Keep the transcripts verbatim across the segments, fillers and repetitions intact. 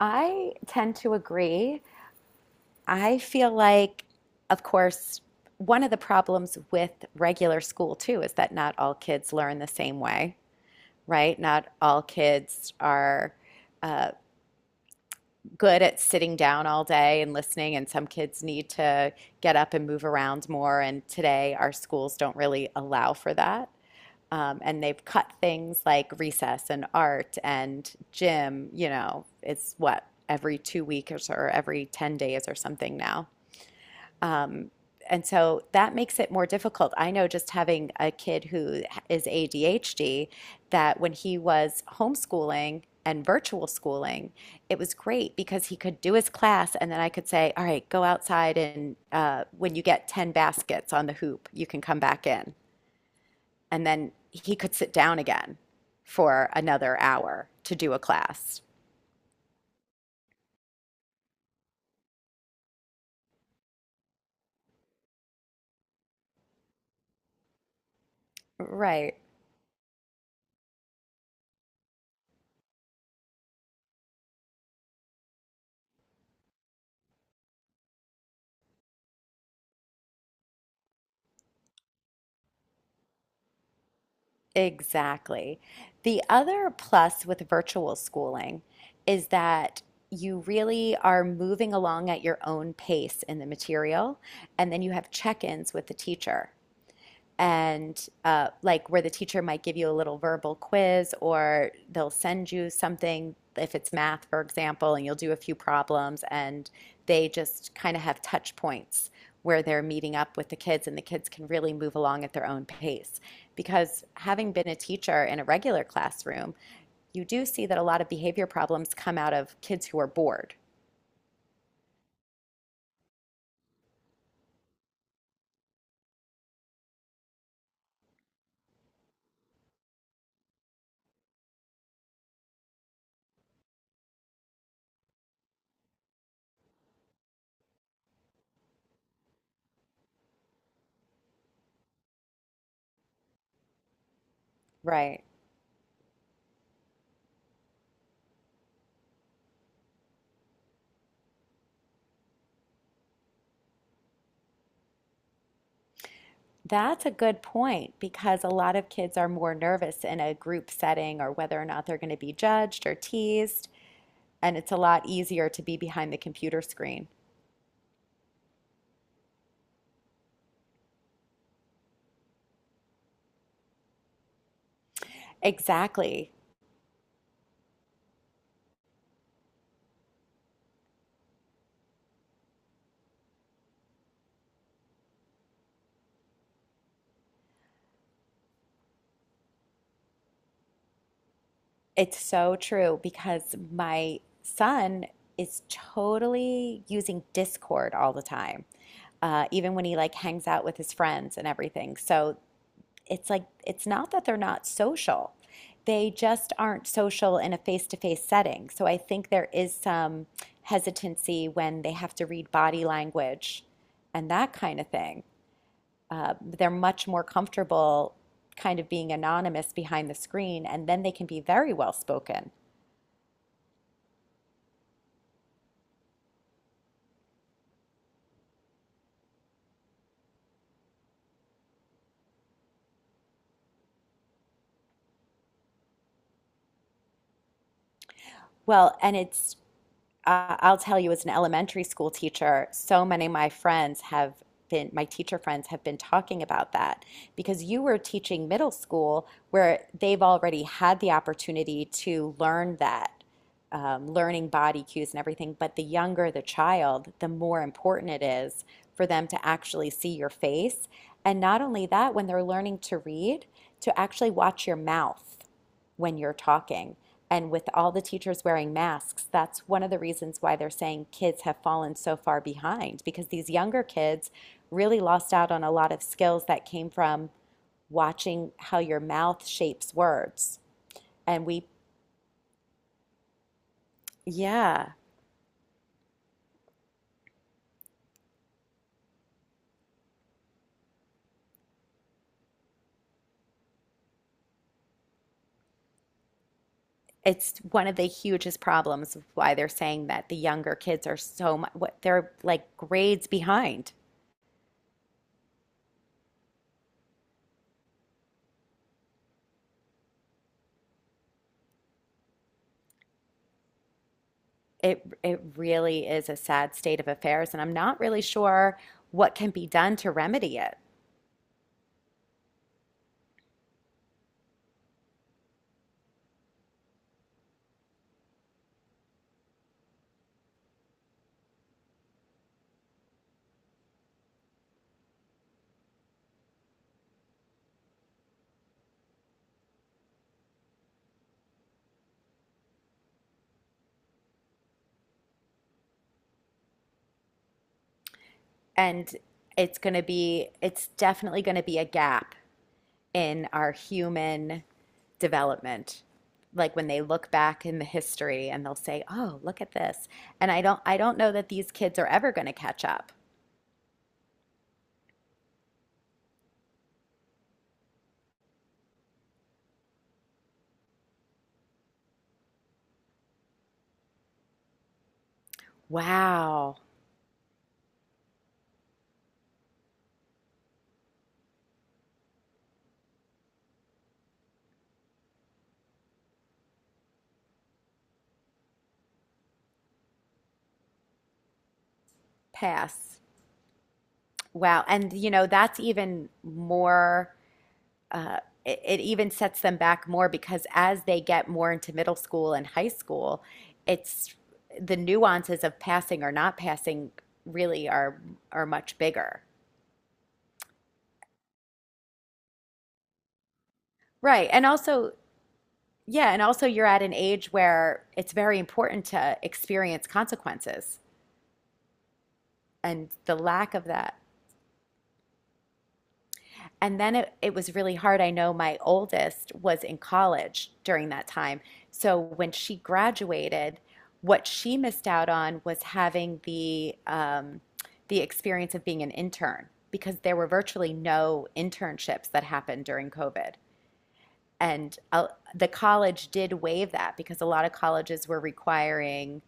I tend to agree. I feel like, of course, one of the problems with regular school too is that not all kids learn the same way, right? Not all kids are uh, good at sitting down all day and listening, and some kids need to get up and move around more. And today, our schools don't really allow for that. Um, and they've cut things like recess and art and gym, you know, it's what, every two weeks or every ten days or something now. Um, and so that makes it more difficult. I know just having a kid who is A D H D, that when he was homeschooling and virtual schooling, it was great because he could do his class and then I could say, all right, go outside and uh, when you get ten baskets on the hoop, you can come back in and then he could sit down again for another hour to do a class. Right, exactly. The other plus with virtual schooling is that you really are moving along at your own pace in the material, and then you have check-ins with the teacher. And uh, like where the teacher might give you a little verbal quiz or they'll send you something if it's math, for example, and you'll do a few problems, and they just kind of have touch points where they're meeting up with the kids, and the kids can really move along at their own pace because having been a teacher in a regular classroom, you do see that a lot of behavior problems come out of kids who are bored. Right. That's a good point because a lot of kids are more nervous in a group setting or whether or not they're going to be judged or teased. And it's a lot easier to be behind the computer screen. Exactly. It's so true because my son is totally using Discord all the time, uh, even when he like hangs out with his friends and everything. So it's like it's not that they're not social. They just aren't social in a face-to-face setting. So I think there is some hesitancy when they have to read body language and that kind of thing. Uh, they're much more comfortable kind of being anonymous behind the screen, and then they can be very well spoken. Well, and it's I- I'll tell you, as an elementary school teacher, so many of my friends have been, my teacher friends have been talking about that because you were teaching middle school where they've already had the opportunity to learn that, um, learning body cues and everything. But the younger the child, the more important it is for them to actually see your face. And not only that, when they're learning to read, to actually watch your mouth when you're talking. And with all the teachers wearing masks, that's one of the reasons why they're saying kids have fallen so far behind because these younger kids really lost out on a lot of skills that came from watching how your mouth shapes words. And we, yeah, it's one of the hugest problems of why they're saying that the younger kids are so much, what, they're like grades behind. It it really is a sad state of affairs, and I'm not really sure what can be done to remedy it. And it's going to be, it's definitely going to be a gap in our human development, like when they look back in the history and they'll say, oh, look at this. And i don't i don't know that these kids are ever going to catch up. Wow. Pass. Wow. And you know that's even more, uh, it, it even sets them back more because as they get more into middle school and high school, it's the nuances of passing or not passing really are are much bigger. Right, and also, yeah, and also you're at an age where it's very important to experience consequences and the lack of that. And then it, it was really hard. I know my oldest was in college during that time. So when she graduated, what she missed out on was having the um, the experience of being an intern because there were virtually no internships that happened during COVID. And uh, the college did waive that because a lot of colleges were requiring,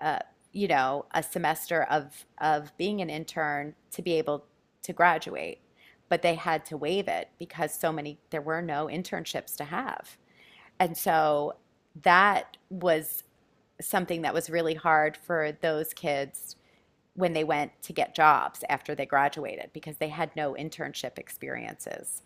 uh, you know, a semester of of being an intern to be able to graduate, but they had to waive it because so many there were no internships to have, and so that was something that was really hard for those kids when they went to get jobs after they graduated because they had no internship experiences.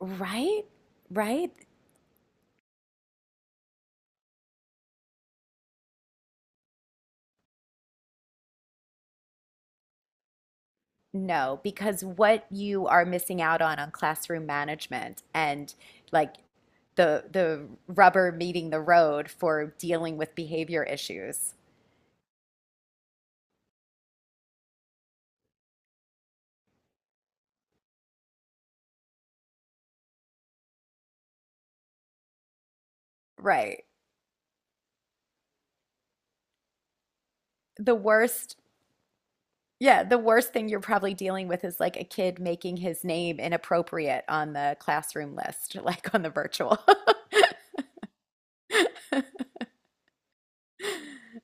Right? Right? No, because what you are missing out on on classroom management and, like, the the rubber meeting the road for dealing with behavior issues. Right. The worst, yeah, the worst thing you're probably dealing with is like a kid making his name inappropriate on the classroom list, like on the virtual,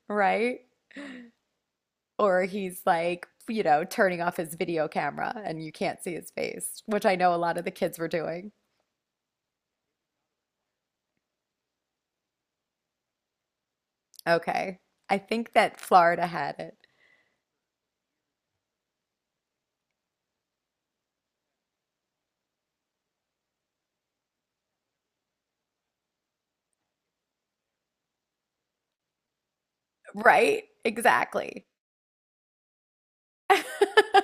right? Or he's like, you know, turning off his video camera and you can't see his face, which I know a lot of the kids were doing. Okay. I think that Florida had it. Right? Exactly.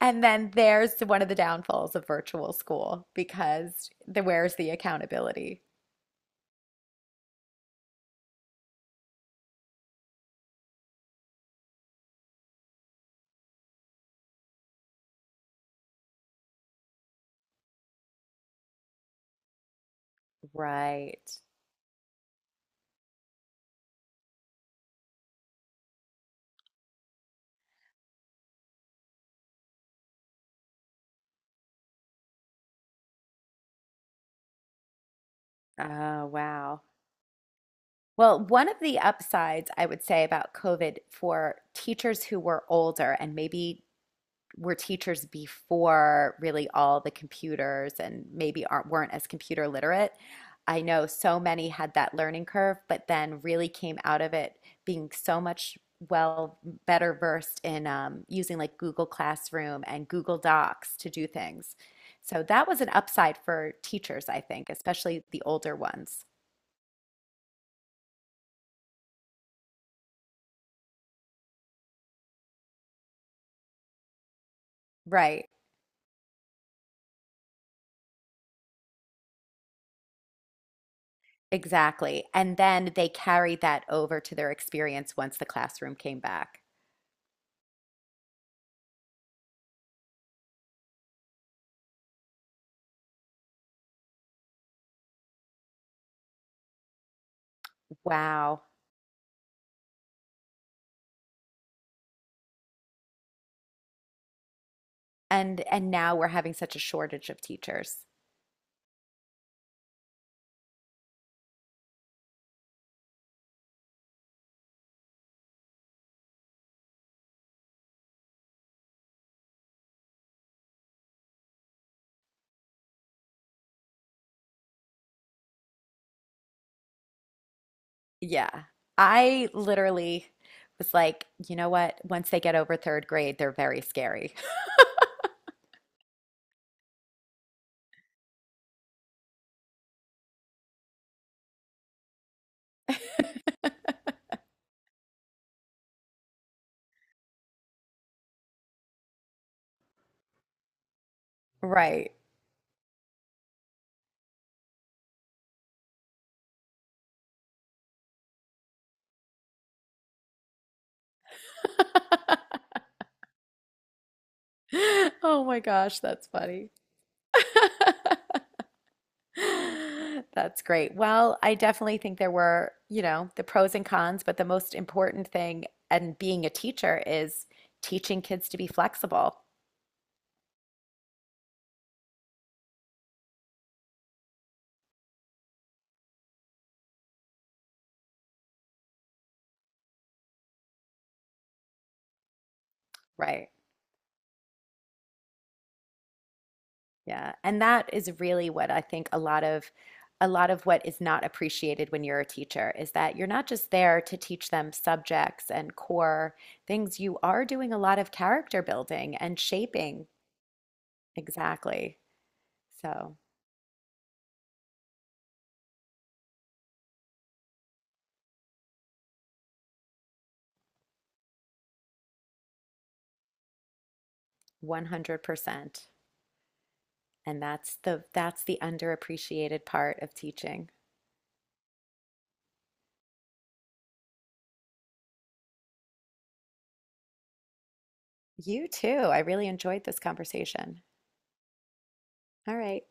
And then there's one of the downfalls of virtual school because the where's the accountability? Right. Oh, wow. Well, one of the upsides I would say about COVID for teachers who were older and maybe were teachers before really all the computers and maybe aren't weren't as computer literate. I know so many had that learning curve, but then really came out of it being so much, well, better versed in um, using like Google Classroom and Google Docs to do things. So that was an upside for teachers, I think, especially the older ones. Right, exactly. And then they carried that over to their experience once the classroom came back. Wow. and and now we're having such a shortage of teachers. Yeah. I literally was like, you know what? Once they get over third grade, they're very scary. Right. Oh my gosh, that's funny. That's great. Well, I definitely think there were, you know, the pros and cons, but the most important thing and being a teacher is teaching kids to be flexible. Right. Yeah, and that is really what I think a lot of a lot of what is not appreciated when you're a teacher is that you're not just there to teach them subjects and core things. You are doing a lot of character building and shaping. Exactly. So, one hundred percent. And that's the that's the underappreciated part of teaching. You too. I really enjoyed this conversation. All right.